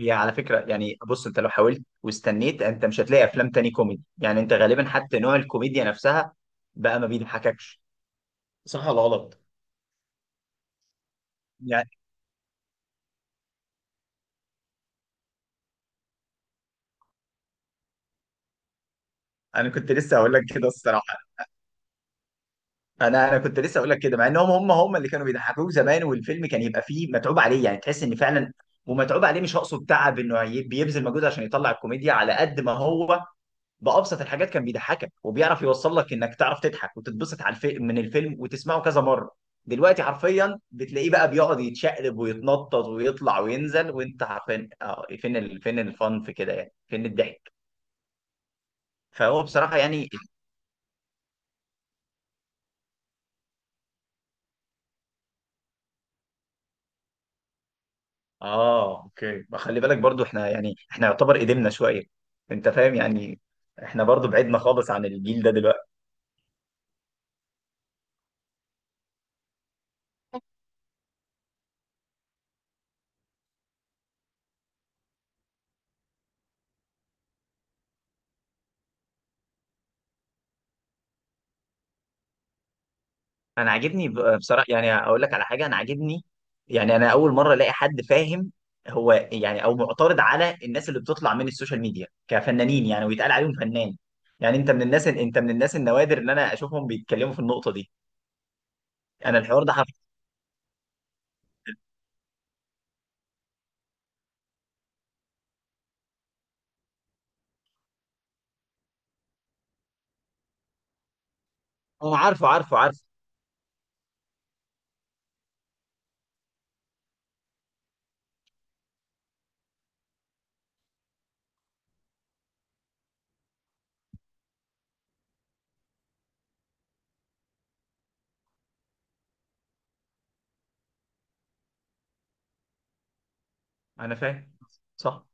هي على فكرة، يعني بص انت لو حاولت واستنيت انت مش هتلاقي افلام تاني كوميدي. يعني انت غالبا حتى نوع الكوميديا نفسها بقى ما بيضحككش. صح ولا غلط؟ يعني انا كنت لسه هقول لك كده الصراحة. انا كنت لسه هقول لك كده، مع انهم هم هم اللي كانوا بيضحكوك زمان، والفيلم كان يبقى فيه متعوب عليه، يعني تحس ان فعلا ومتعوب عليه. مش هقصد تعب انه بيبذل مجهود عشان يطلع الكوميديا، على قد ما هو بأبسط الحاجات كان بيضحكك وبيعرف يوصل لك انك تعرف تضحك وتتبسط على الفيلم من الفيلم، وتسمعه كذا مرة. دلوقتي حرفيا بتلاقيه بقى بيقعد يتشقلب ويتنطط ويطلع وينزل، وانت عارفين اه فين فين الفن في كده، يعني فين الضحك؟ فهو بصراحة يعني. اه اوكي، ما خلي بالك برضو احنا يعني احنا يعتبر قدمنا شوية، انت فاهم يعني، احنا برضو بعدنا خالص عن الجيل ده دلوقتي. انا عاجبني بصراحه يعني، اقول لك على حاجه انا عاجبني، يعني انا اول مره الاقي حد فاهم. هو يعني او معترض على الناس اللي بتطلع من السوشيال ميديا كفنانين، يعني ويتقال عليهم فنان. يعني انت من الناس، انت من الناس النوادر ان انا اشوفهم بيتكلموا في النقطه دي. انا الحوار ده عارفه. اه، عارفه عارفه عارفه. انا فاهم. صح.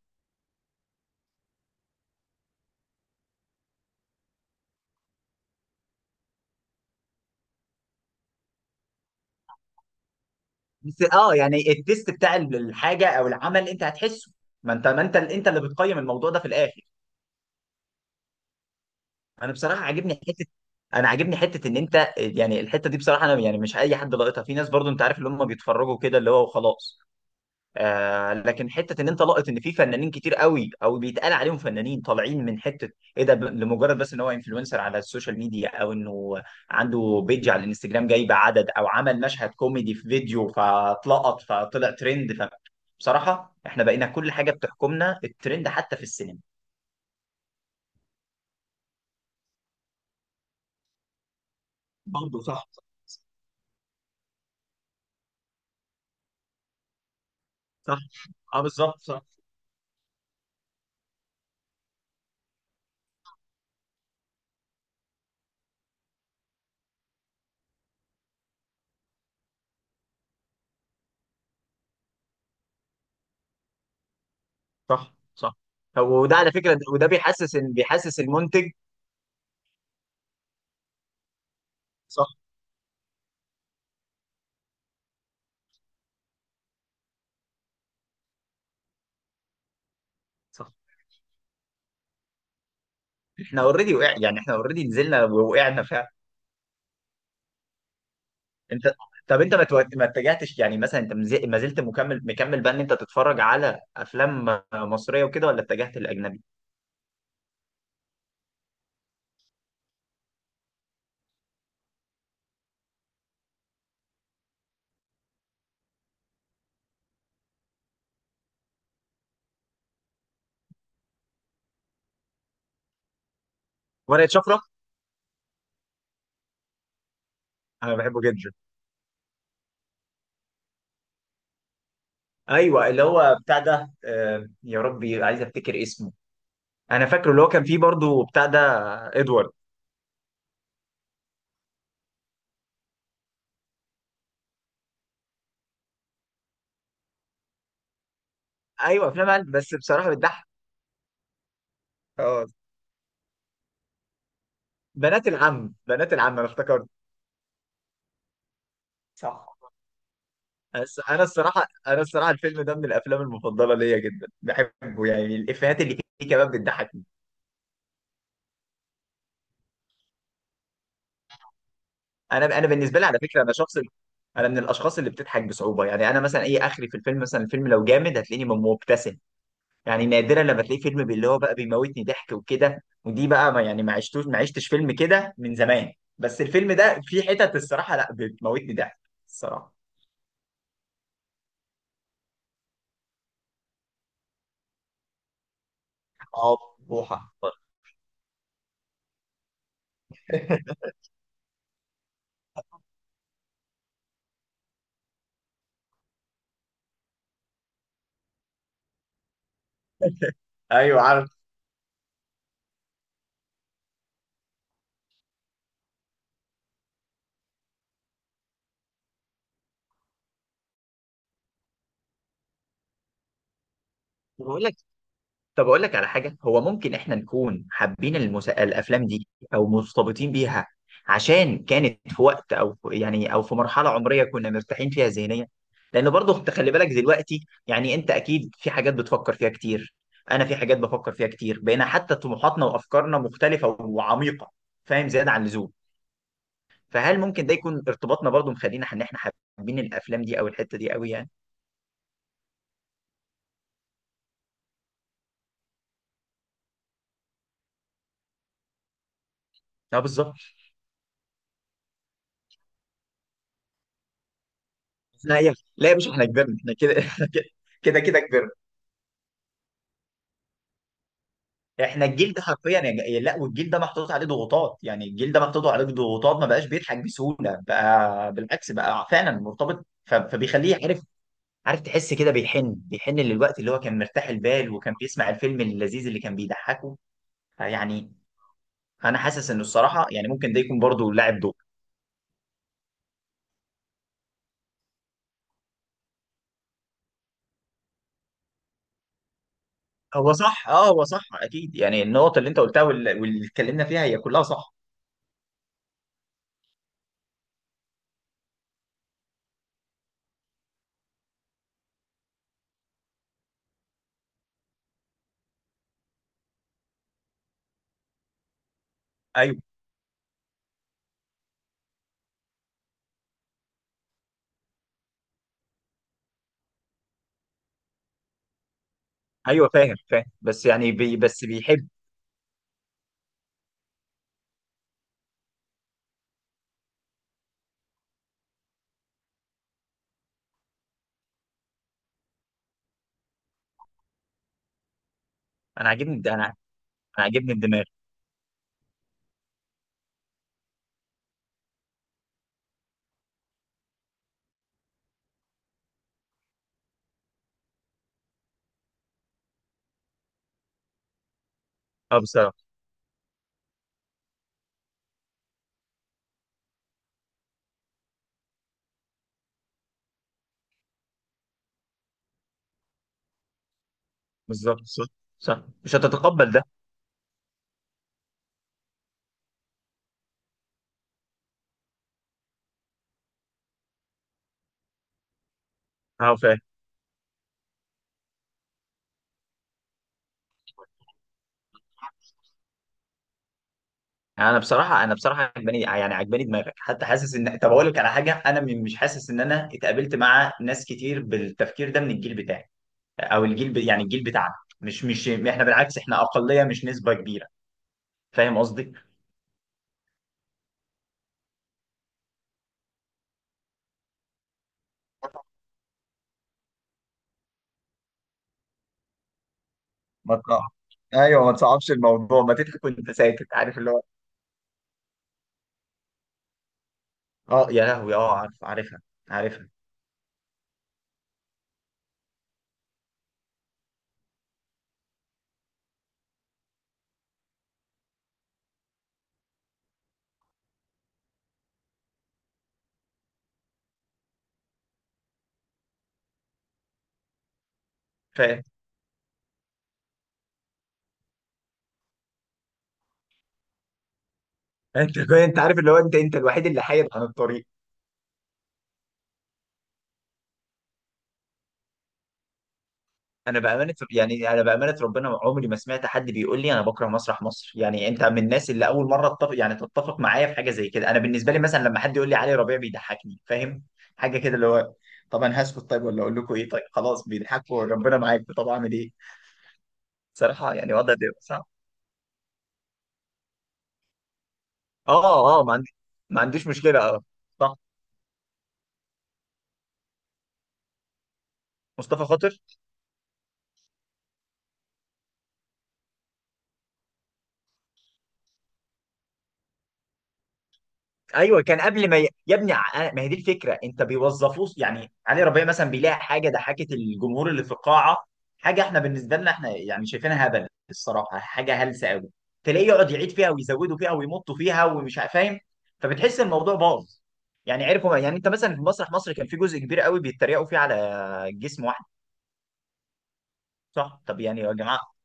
بس اه يعني التيست بتاع الحاجه او العمل انت هتحسه، ما انت، ما انت انت اللي بتقيم الموضوع ده في الاخر. انا بصراحه عاجبني حته، انا عاجبني حته ان انت، يعني الحته دي بصراحه انا يعني مش اي حد لاقطها، في ناس برضو انت عارف اللي هم بيتفرجوا كده اللي هو وخلاص. آه، لكن حته ان انت لاقط ان في فنانين كتير قوي او بيتقال عليهم فنانين طالعين من حته ايه ده، لمجرد بس ان هو انفلونسر على السوشيال ميديا، او انه عنده بيج على الانستجرام جايب عدد او عمل مشهد كوميدي في فيديو فاتلقط فطلع ترند. ف بصراحه احنا بقينا كل حاجه بتحكمنا الترند حتى في السينما. برضه صح. صح، اه بالظبط صح. صح صح. طب وده على فكره، وده بيحسس بيحسس المنتج. صح صح. احنا اوريدي وقع، يعني احنا اوريدي نزلنا وقعنا فعلا. انت. طب انت ما اتجهتش يعني، مثلا انت ما زلت مكمل مكمل بقى ان انت تتفرج على افلام مصريه وكده، ولا اتجهت للاجنبي؟ ورقه شفره. انا بحبه جدا. ايوه، اللي هو بتاع ده، يا ربي عايز افتكر اسمه. انا فاكره اللي هو كان فيه برضه بتاع ده. ادوارد. ايوه افلام عيال، بس بصراحه بتضحك. اه، بنات العم، بنات العم انا افتكرت. صح. بس انا الصراحه، انا الصراحه الفيلم ده من الافلام المفضله ليا جدا، بحبه يعني، الافيهات اللي فيه كمان بتضحكني. انا بالنسبه لي على فكره، انا شخص، انا من الاشخاص اللي بتضحك بصعوبه. يعني انا مثلا اي اخري في الفيلم، مثلا الفيلم لو جامد هتلاقيني مبتسم، يعني نادرا لما تلاقي فيلم اللي هو بقى بيموتني ضحك وكده. ودي بقى ما يعني ما عشتش فيلم كده من زمان. بس الفيلم ده في حتت الصراحه لا بتموتني ضحك الصراحه. اه بوحه. ايوه عارف. بقول لك، طب اقول لك على حاجه، هو ممكن احنا نكون حابين الافلام دي او مرتبطين بيها، عشان كانت في وقت، او يعني او في مرحله عمريه كنا مرتاحين فيها ذهنيا. لان برضه انت خلي بالك دلوقتي، يعني انت اكيد في حاجات بتفكر فيها كتير، انا في حاجات بفكر فيها كتير، بقينا حتى طموحاتنا وافكارنا مختلفه وعميقه، فاهم، زياده عن اللزوم. فهل ممكن ده يكون ارتباطنا برضه مخلينا ان احنا حابين الافلام دي او الحته دي قوي يعني؟ اه بالظبط. لا يا باشا احنا كبرنا، احنا كده احنا كده، كده كده كبرنا. احنا الجيل ده حرفيا يا لا، والجيل ده محطوط عليه ضغوطات، يعني الجيل ده محطوط عليه ضغوطات ما بقاش بيضحك بسهوله، بقى بالعكس بقى فعلا مرتبط فبيخليه عارف، عارف تحس كده بيحن بيحن للوقت اللي هو كان مرتاح البال وكان بيسمع الفيلم اللذيذ اللي كان بيضحكه، يعني. انا حاسس انه الصراحه يعني ممكن ده يكون برضه لاعب دور. هو صح، اه هو صح اكيد. يعني النقطه اللي انت قلتها واللي اتكلمنا فيها هي كلها صح. ايوه ايوه فاهم فاهم، بس يعني بس بيحب. انا عاجبني، انا عاجبني الدماغ. اه بصراحه. بالظبط صح. صح مش هتتقبل ده. اه فاهم. يعني انا بصراحه، انا بصراحه عجباني يعني، عجباني دماغك، حتى حاسس ان، طب اقول لك على حاجه، انا مش حاسس ان انا اتقابلت مع ناس كتير بالتفكير ده من الجيل بتاعي، او الجيل يعني الجيل بتاعنا. مش احنا بالعكس، احنا اقليه مش نسبه كبيره، فاهم قصدي؟ ما تقع. ايوه، ما تصعبش الموضوع، ما تضحك وانت ساكت عارف اللي هو. اه يا لهوي، اه عارف، عارفها عارفها. فاهم. انت، انت عارف اللي هو، انت، انت الوحيد اللي حايد عن الطريق. انا بامانه، يعني انا بامانه ربنا عمري ما سمعت حد بيقول لي انا بكره مسرح مصر. يعني انت من الناس اللي اول مره تتفق، يعني تتفق معايا في حاجه زي كده. انا بالنسبه لي مثلا لما حد يقول لي علي ربيع بيضحكني، فاهم، حاجه كده اللي هو، طب انا هسكت طيب ولا اقول لكم ايه، طيب خلاص بيضحكوا ربنا معاك، طب اعمل ايه. صراحه يعني وضع ده صعب. اه اه ما عندي، ما عنديش مشكله، اه. صح. مصطفى خاطر. ايوه كان قبل ما يا ابني، ما هي دي الفكره، انت بيوظفوه يعني، علي ربيع مثلا بيلاقي حاجه ضحكت الجمهور اللي في القاعه، حاجه احنا بالنسبه لنا احنا يعني شايفينها هبل الصراحه، حاجه هلسه قوي، تلاقيه يقعد يعيد فيها ويزودوا فيها ويمطوا فيها ومش فاهم، فبتحس الموضوع باظ. يعني عرفوا، يعني انت مثلا في مسرح مصر كان في جزء كبير قوي بيتريقوا فيه على جسم واحد. صح طب يعني يا جماعه.